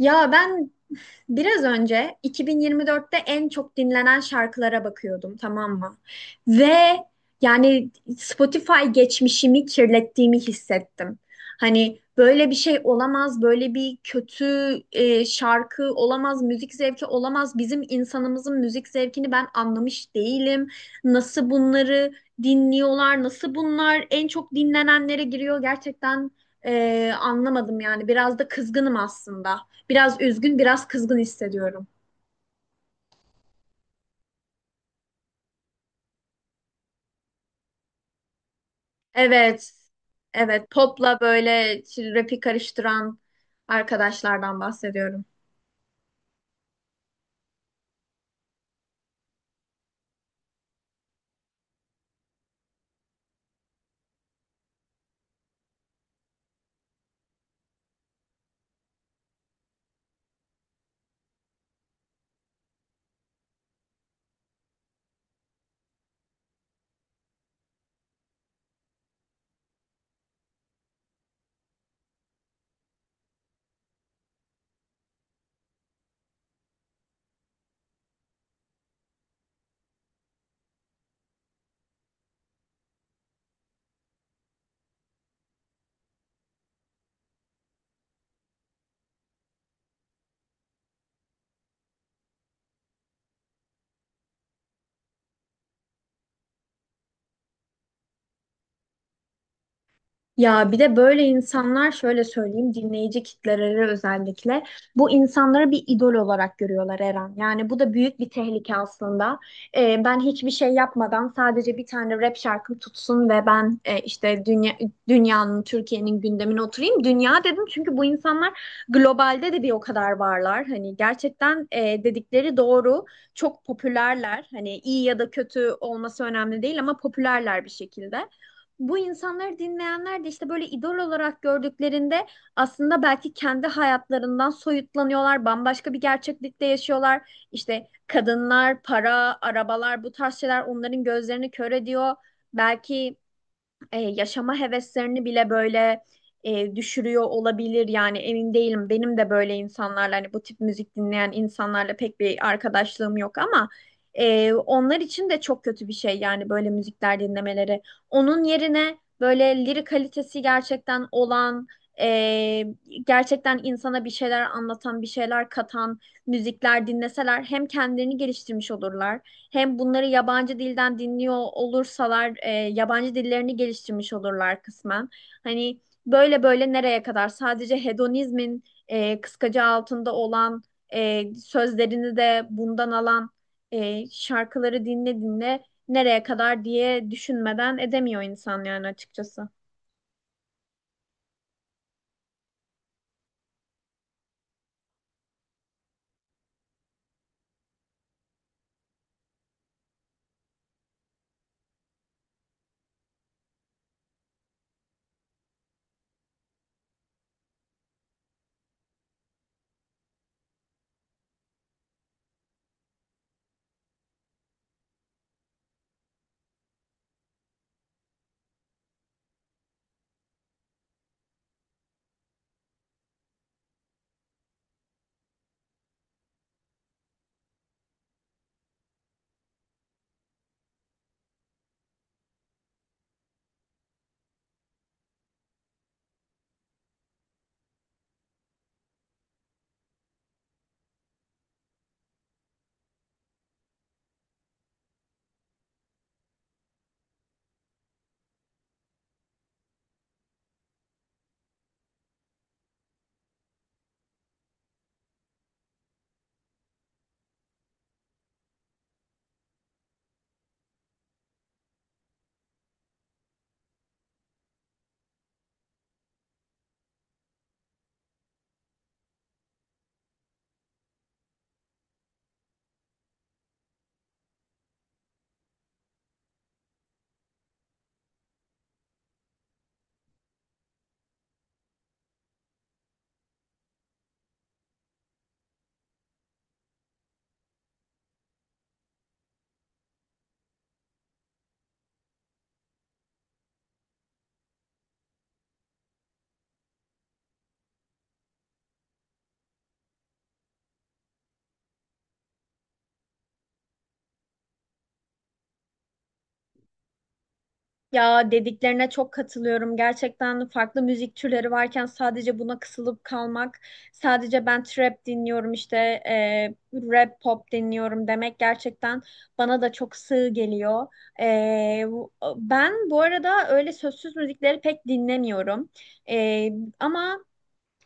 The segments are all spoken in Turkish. Ya ben biraz önce 2024'te en çok dinlenen şarkılara bakıyordum, tamam mı? Ve yani Spotify geçmişimi kirlettiğimi hissettim. Hani böyle bir şey olamaz, böyle bir kötü şarkı olamaz, müzik zevki olamaz. Bizim insanımızın müzik zevkini ben anlamış değilim. Nasıl bunları dinliyorlar, nasıl bunlar en çok dinlenenlere giriyor gerçekten anlamadım yani. Biraz da kızgınım aslında. Biraz üzgün, biraz kızgın hissediyorum. Evet. Evet, popla böyle rapi karıştıran arkadaşlardan bahsediyorum. Ya bir de böyle insanlar şöyle söyleyeyim, dinleyici kitleleri özellikle bu insanları bir idol olarak görüyorlar Eren. Yani bu da büyük bir tehlike aslında. Ben hiçbir şey yapmadan sadece bir tane rap şarkım tutsun ve ben işte dünya, dünyanın, Türkiye'nin gündemine oturayım. Dünya dedim çünkü bu insanlar globalde de bir o kadar varlar. Hani gerçekten dedikleri doğru. Çok popülerler. Hani iyi ya da kötü olması önemli değil ama popülerler, bir şekilde bu insanları dinleyenler de işte böyle idol olarak gördüklerinde aslında belki kendi hayatlarından soyutlanıyorlar, bambaşka bir gerçeklikte yaşıyorlar. İşte kadınlar, para, arabalar bu tarz şeyler onların gözlerini kör ediyor. Belki yaşama heveslerini bile böyle düşürüyor olabilir. Yani emin değilim. Benim de böyle insanlarla, hani bu tip müzik dinleyen insanlarla pek bir arkadaşlığım yok ama onlar için de çok kötü bir şey yani böyle müzikler dinlemeleri. Onun yerine böyle lirik kalitesi gerçekten olan, e, gerçekten insana bir şeyler anlatan, bir şeyler katan müzikler dinleseler hem kendilerini geliştirmiş olurlar hem bunları yabancı dilden dinliyor olursalar yabancı dillerini geliştirmiş olurlar kısmen. Hani böyle böyle nereye kadar sadece hedonizmin kıskacı altında olan, sözlerini de bundan alan şarkıları dinle dinle nereye kadar diye düşünmeden edemiyor insan yani açıkçası. Ya dediklerine çok katılıyorum. Gerçekten farklı müzik türleri varken sadece buna kısılıp kalmak, sadece ben trap dinliyorum işte e, rap pop dinliyorum demek gerçekten bana da çok sığ geliyor. E, bu- ben bu arada öyle sözsüz müzikleri pek dinlemiyorum. E, ama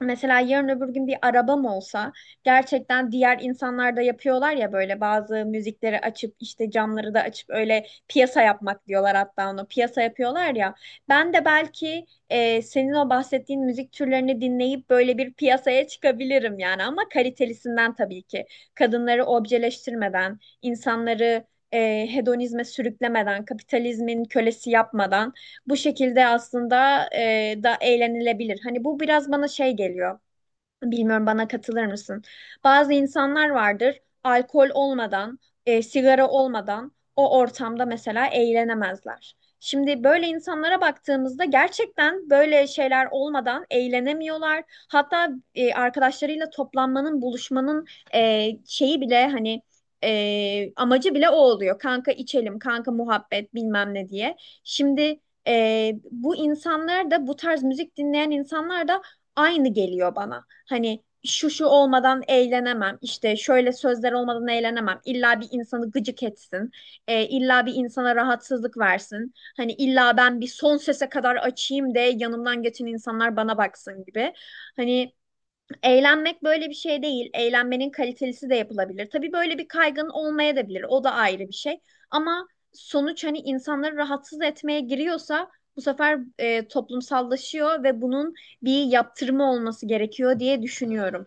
mesela yarın öbür gün bir arabam olsa, gerçekten diğer insanlar da yapıyorlar ya, böyle bazı müzikleri açıp işte camları da açıp öyle piyasa yapmak diyorlar, hatta onu piyasa yapıyorlar ya. Ben de belki senin o bahsettiğin müzik türlerini dinleyip böyle bir piyasaya çıkabilirim yani, ama kalitelisinden tabii ki. Kadınları objeleştirmeden, insanları hedonizme sürüklemeden, kapitalizmin kölesi yapmadan bu şekilde aslında da eğlenilebilir. Hani bu biraz bana şey geliyor. Bilmiyorum, bana katılır mısın? Bazı insanlar vardır alkol olmadan, sigara olmadan o ortamda mesela eğlenemezler. Şimdi böyle insanlara baktığımızda gerçekten böyle şeyler olmadan eğlenemiyorlar. Hatta arkadaşlarıyla toplanmanın, buluşmanın şeyi bile hani amacı bile o oluyor. Kanka içelim, kanka muhabbet bilmem ne diye. Şimdi bu insanlar da, bu tarz müzik dinleyen insanlar da aynı geliyor bana. Hani şu şu olmadan eğlenemem, işte şöyle sözler olmadan eğlenemem. İlla bir insanı gıcık etsin, illa bir insana rahatsızlık versin. Hani illa ben bir son sese kadar açayım de, yanımdan geçen insanlar bana baksın gibi. Hani eğlenmek böyle bir şey değil. Eğlenmenin kalitelisi de yapılabilir. Tabii böyle bir kaygın olmaya da bilir. O da ayrı bir şey. Ama sonuç hani insanları rahatsız etmeye giriyorsa bu sefer toplumsallaşıyor ve bunun bir yaptırımı olması gerekiyor diye düşünüyorum.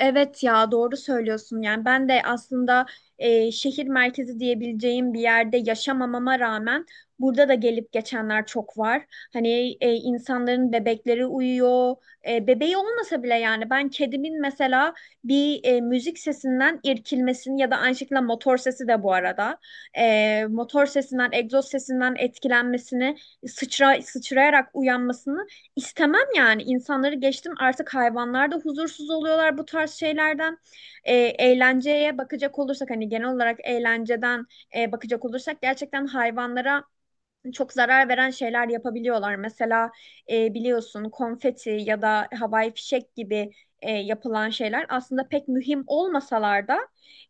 Evet, ya doğru söylüyorsun. Yani ben de aslında şehir merkezi diyebileceğim bir yerde yaşamamama rağmen burada da gelip geçenler çok var. Hani insanların bebekleri uyuyor. Bebeği olmasa bile yani ben kedimin mesela bir müzik sesinden irkilmesini ya da aynı şekilde motor sesi de bu arada. Motor sesinden, egzoz sesinden etkilenmesini, sıçrayarak uyanmasını İstemem yani. İnsanları geçtim artık, hayvanlar da huzursuz oluyorlar bu tarz şeylerden. Eğlenceye bakacak olursak hani genel olarak eğlenceden bakacak olursak gerçekten hayvanlara çok zarar veren şeyler yapabiliyorlar. Mesela biliyorsun konfeti ya da havai fişek gibi yapılan şeyler aslında pek mühim olmasalar da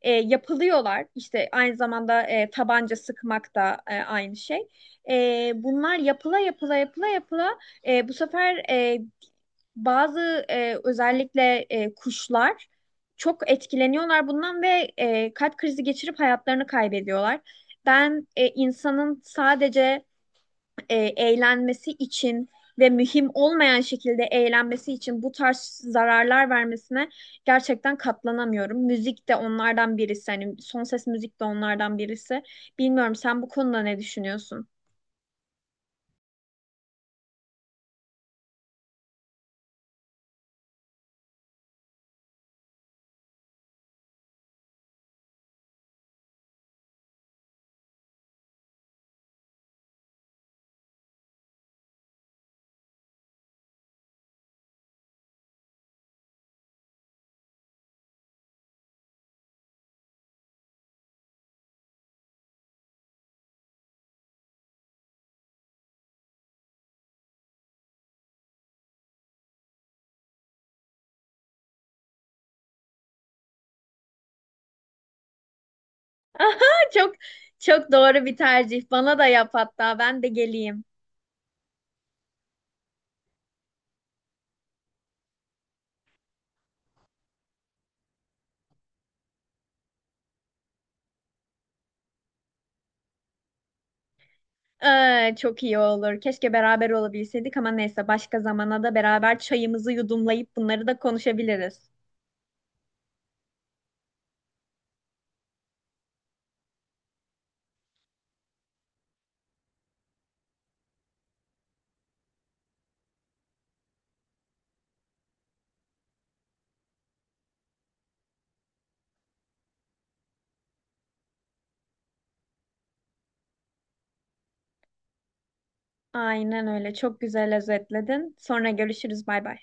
yapılıyorlar. İşte aynı zamanda tabanca sıkmak da aynı şey. Bunlar yapıla yapıla yapıla yapıla bu sefer bazı özellikle kuşlar çok etkileniyorlar bundan ve kalp krizi geçirip hayatlarını kaybediyorlar. Ben insanın sadece eğlenmesi için ve mühim olmayan şekilde eğlenmesi için bu tarz zararlar vermesine gerçekten katlanamıyorum. Müzik de onlardan birisi. Hani son ses müzik de onlardan birisi. Bilmiyorum, sen bu konuda ne düşünüyorsun? Aha, çok çok doğru bir tercih. Bana da yap hatta, ben de geleyim. Çok iyi olur. Keşke beraber olabilseydik ama neyse, başka zamana da beraber çayımızı yudumlayıp bunları da konuşabiliriz. Aynen öyle. Çok güzel özetledin. Sonra görüşürüz. Bay bay.